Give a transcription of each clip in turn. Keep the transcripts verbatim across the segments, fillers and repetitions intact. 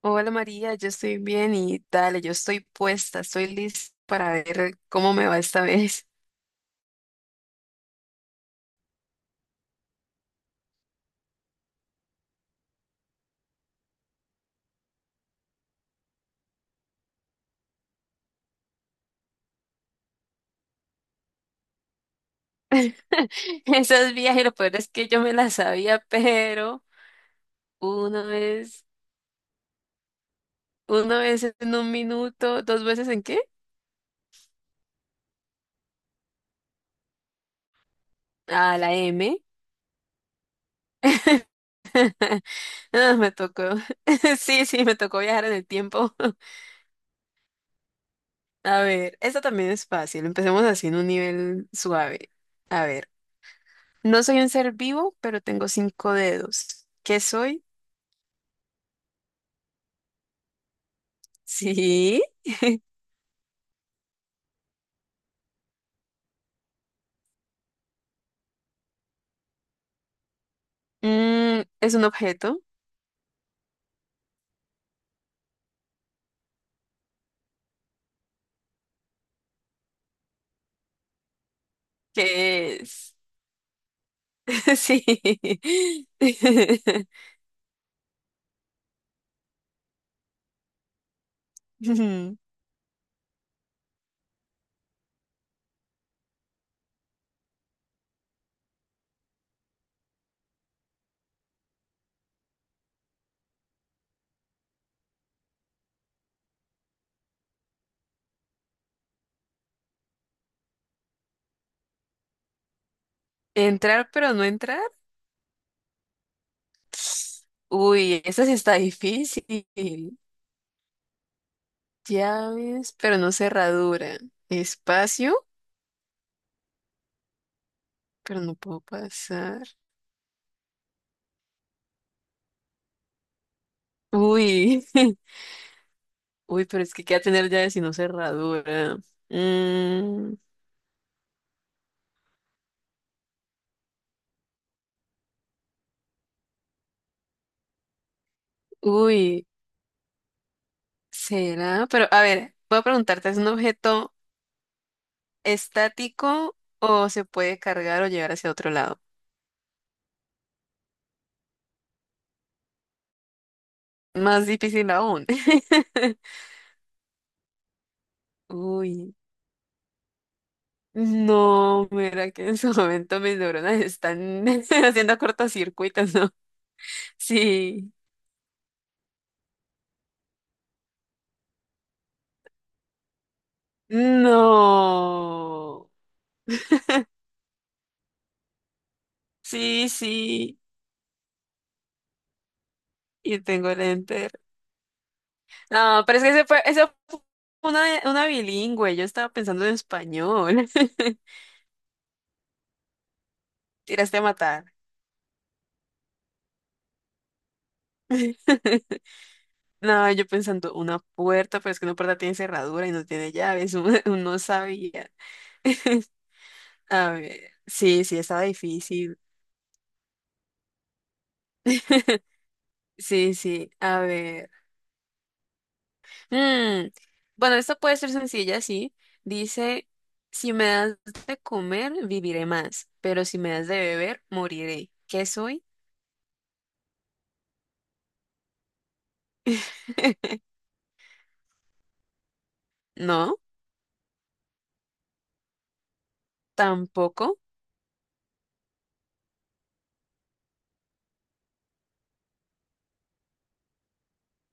Hola María, yo estoy bien y dale, yo estoy puesta, estoy lista para ver cómo me va esta vez. Esos viajes, lo peor es que yo me las sabía, pero una vez, una vez en un minuto, ¿dos veces en qué? Ah, la M. Ah, me tocó. Sí, sí, me tocó viajar en el tiempo. A ver, esta también es fácil. Empecemos así en un nivel suave. A ver, no soy un ser vivo, pero tengo cinco dedos. ¿Qué soy? Sí. Mm, es un objeto que es... Sí. Ujú. Entrar pero no entrar. Uy, esta sí está difícil. Llaves, pero no cerradura. Espacio, pero no puedo pasar. Uy. Uy, pero es que queda tener llaves y no cerradura. Mm, uy, será, pero a ver, voy a preguntarte, ¿es un objeto? Estático o se puede cargar o llevar hacia otro lado. Más difícil aún. Uy, no, mira que en su momento mis neuronas están haciendo cortocircuitos, ¿no? Sí, no, sí, sí, y tengo el enter. No, pero es que ese fue, eso fue una, una bilingüe, yo estaba pensando en español. Tiraste a matar. No, yo pensando, una puerta, pero es que una puerta tiene cerradura y no tiene llaves. uno, uno sabía. A ver, sí, sí, estaba difícil. Sí, sí, a ver. Mm, Bueno, esto puede ser sencilla, sí. Dice, si me das de comer, viviré más, pero si me das de beber, moriré. ¿Qué soy? No, tampoco.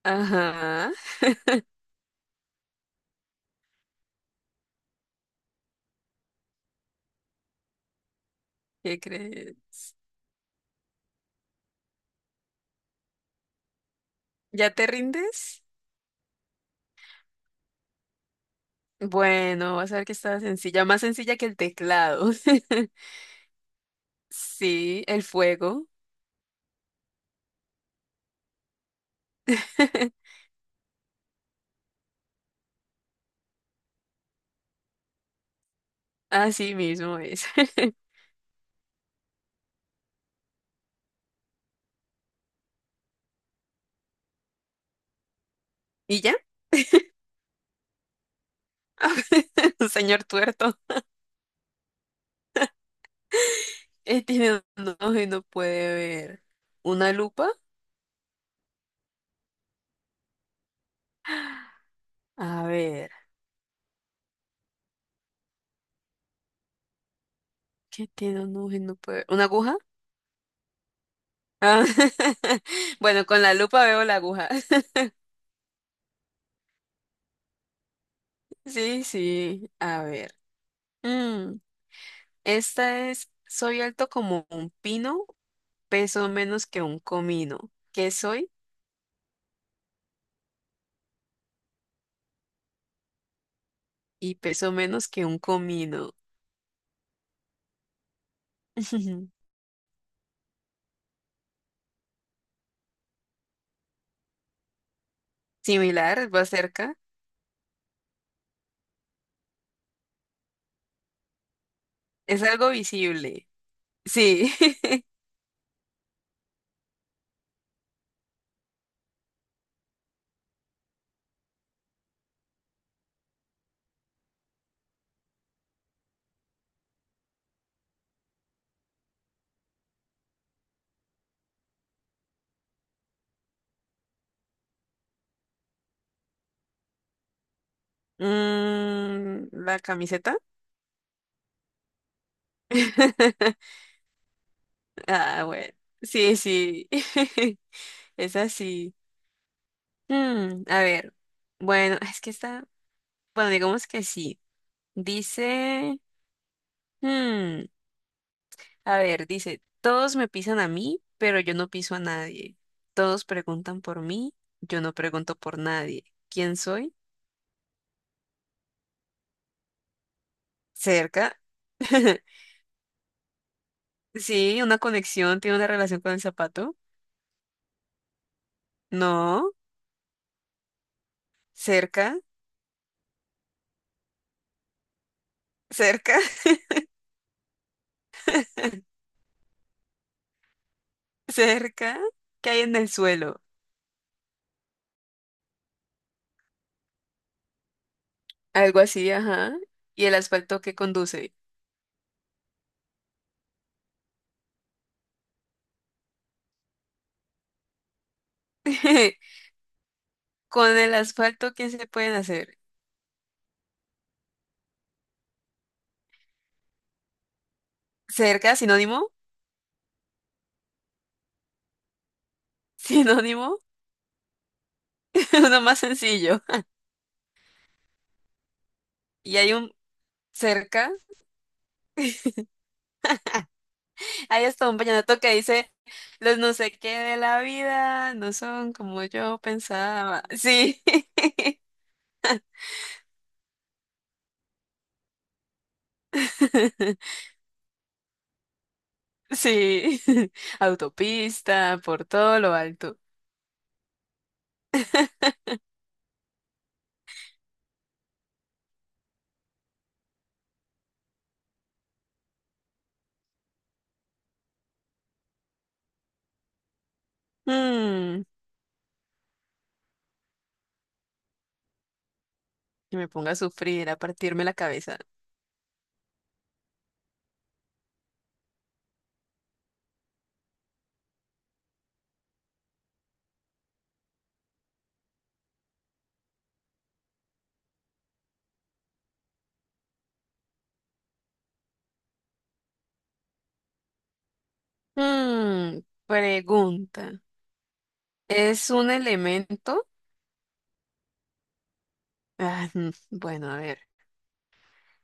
Ajá, ¿qué crees? ¿Ya te rindes? Bueno, vas a ver que está sencilla, más sencilla que el teclado. Sí, el fuego. Así mismo es. ¿Y ya? Un señor tuerto. Él tiene un ojo y no puede ver. ¿Una lupa? A ver, ¿qué tiene un ojo y no puede ver? ¿Una aguja? Ah. Bueno, con la lupa veo la aguja. Sí, sí, a ver. Mm, esta es, soy alto como un pino, peso menos que un comino. ¿Qué soy? Y pesó menos que un comino. Similar, va cerca. Es algo visible. Sí. Mm, ¿la camiseta? Ah, bueno. Sí, sí. Es así. Mm, a ver. Bueno, es que está. Bueno, digamos que sí. Dice. mm, a ver, dice: todos me pisan a mí, pero yo no piso a nadie. Todos preguntan por mí, yo no pregunto por nadie. ¿Quién soy? Cerca. Sí, una conexión tiene una relación con el zapato. No, cerca, cerca, cerca. ¿Qué hay en el suelo? Algo así, ajá. ¿Y el asfalto que conduce? Con el asfalto, ¿qué se pueden hacer? Cerca, sinónimo, sinónimo, uno más sencillo. Y hay un cerca. Hay hasta un vallenato que dice, los no sé qué de la vida no son como yo pensaba. Sí. Sí, autopista, por todo lo alto. Mm, que me ponga a sufrir, a partirme la cabeza. Mm, pregunta. ¿Es un elemento? Ah, mm, bueno, a ver.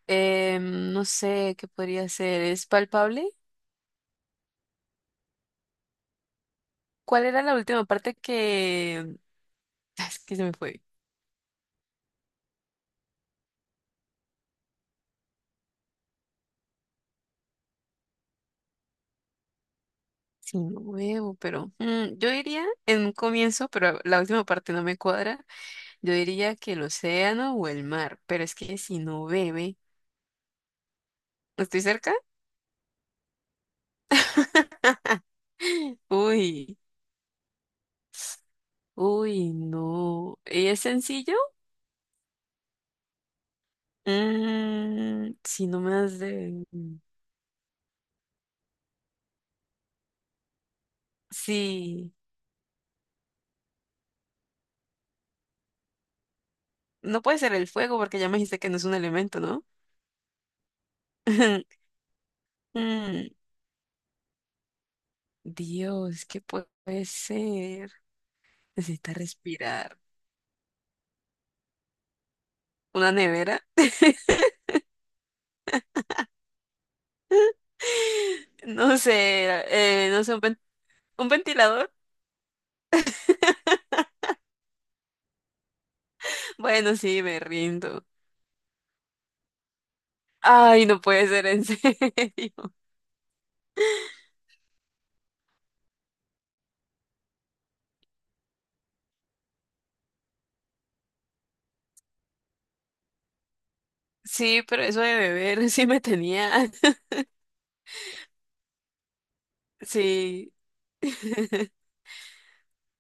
Em, no sé qué podría ser. ¿Es palpable? ¿Cuál era la última parte que... Ah, es que se me fue. Sí, no huevo, pero mm, yo diría en un comienzo, pero la última parte no me cuadra. Yo diría que el océano o el mar, pero es que si no bebe. ¿Estoy cerca? Uy, uy, no. ¿Y es sencillo? Mm, si no me das de... mm, Sí. No puede ser el fuego porque ya me dijiste que no es un elemento, ¿no? Mm, Dios, ¿qué pu- puede ser? Necesita respirar. ¿Una nevera? No sé, eh, no sé, un, ven- un ventilador. Bueno, sí, me rindo. Ay, no puede ser en serio. Sí, pero eso de beber sí me tenía. Sí.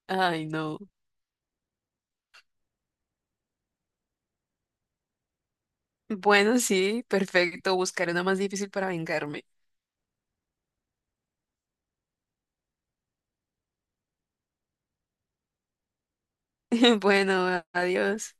Ay, no. Bueno, sí, perfecto. Buscaré una más difícil para vengarme. Bueno, adiós.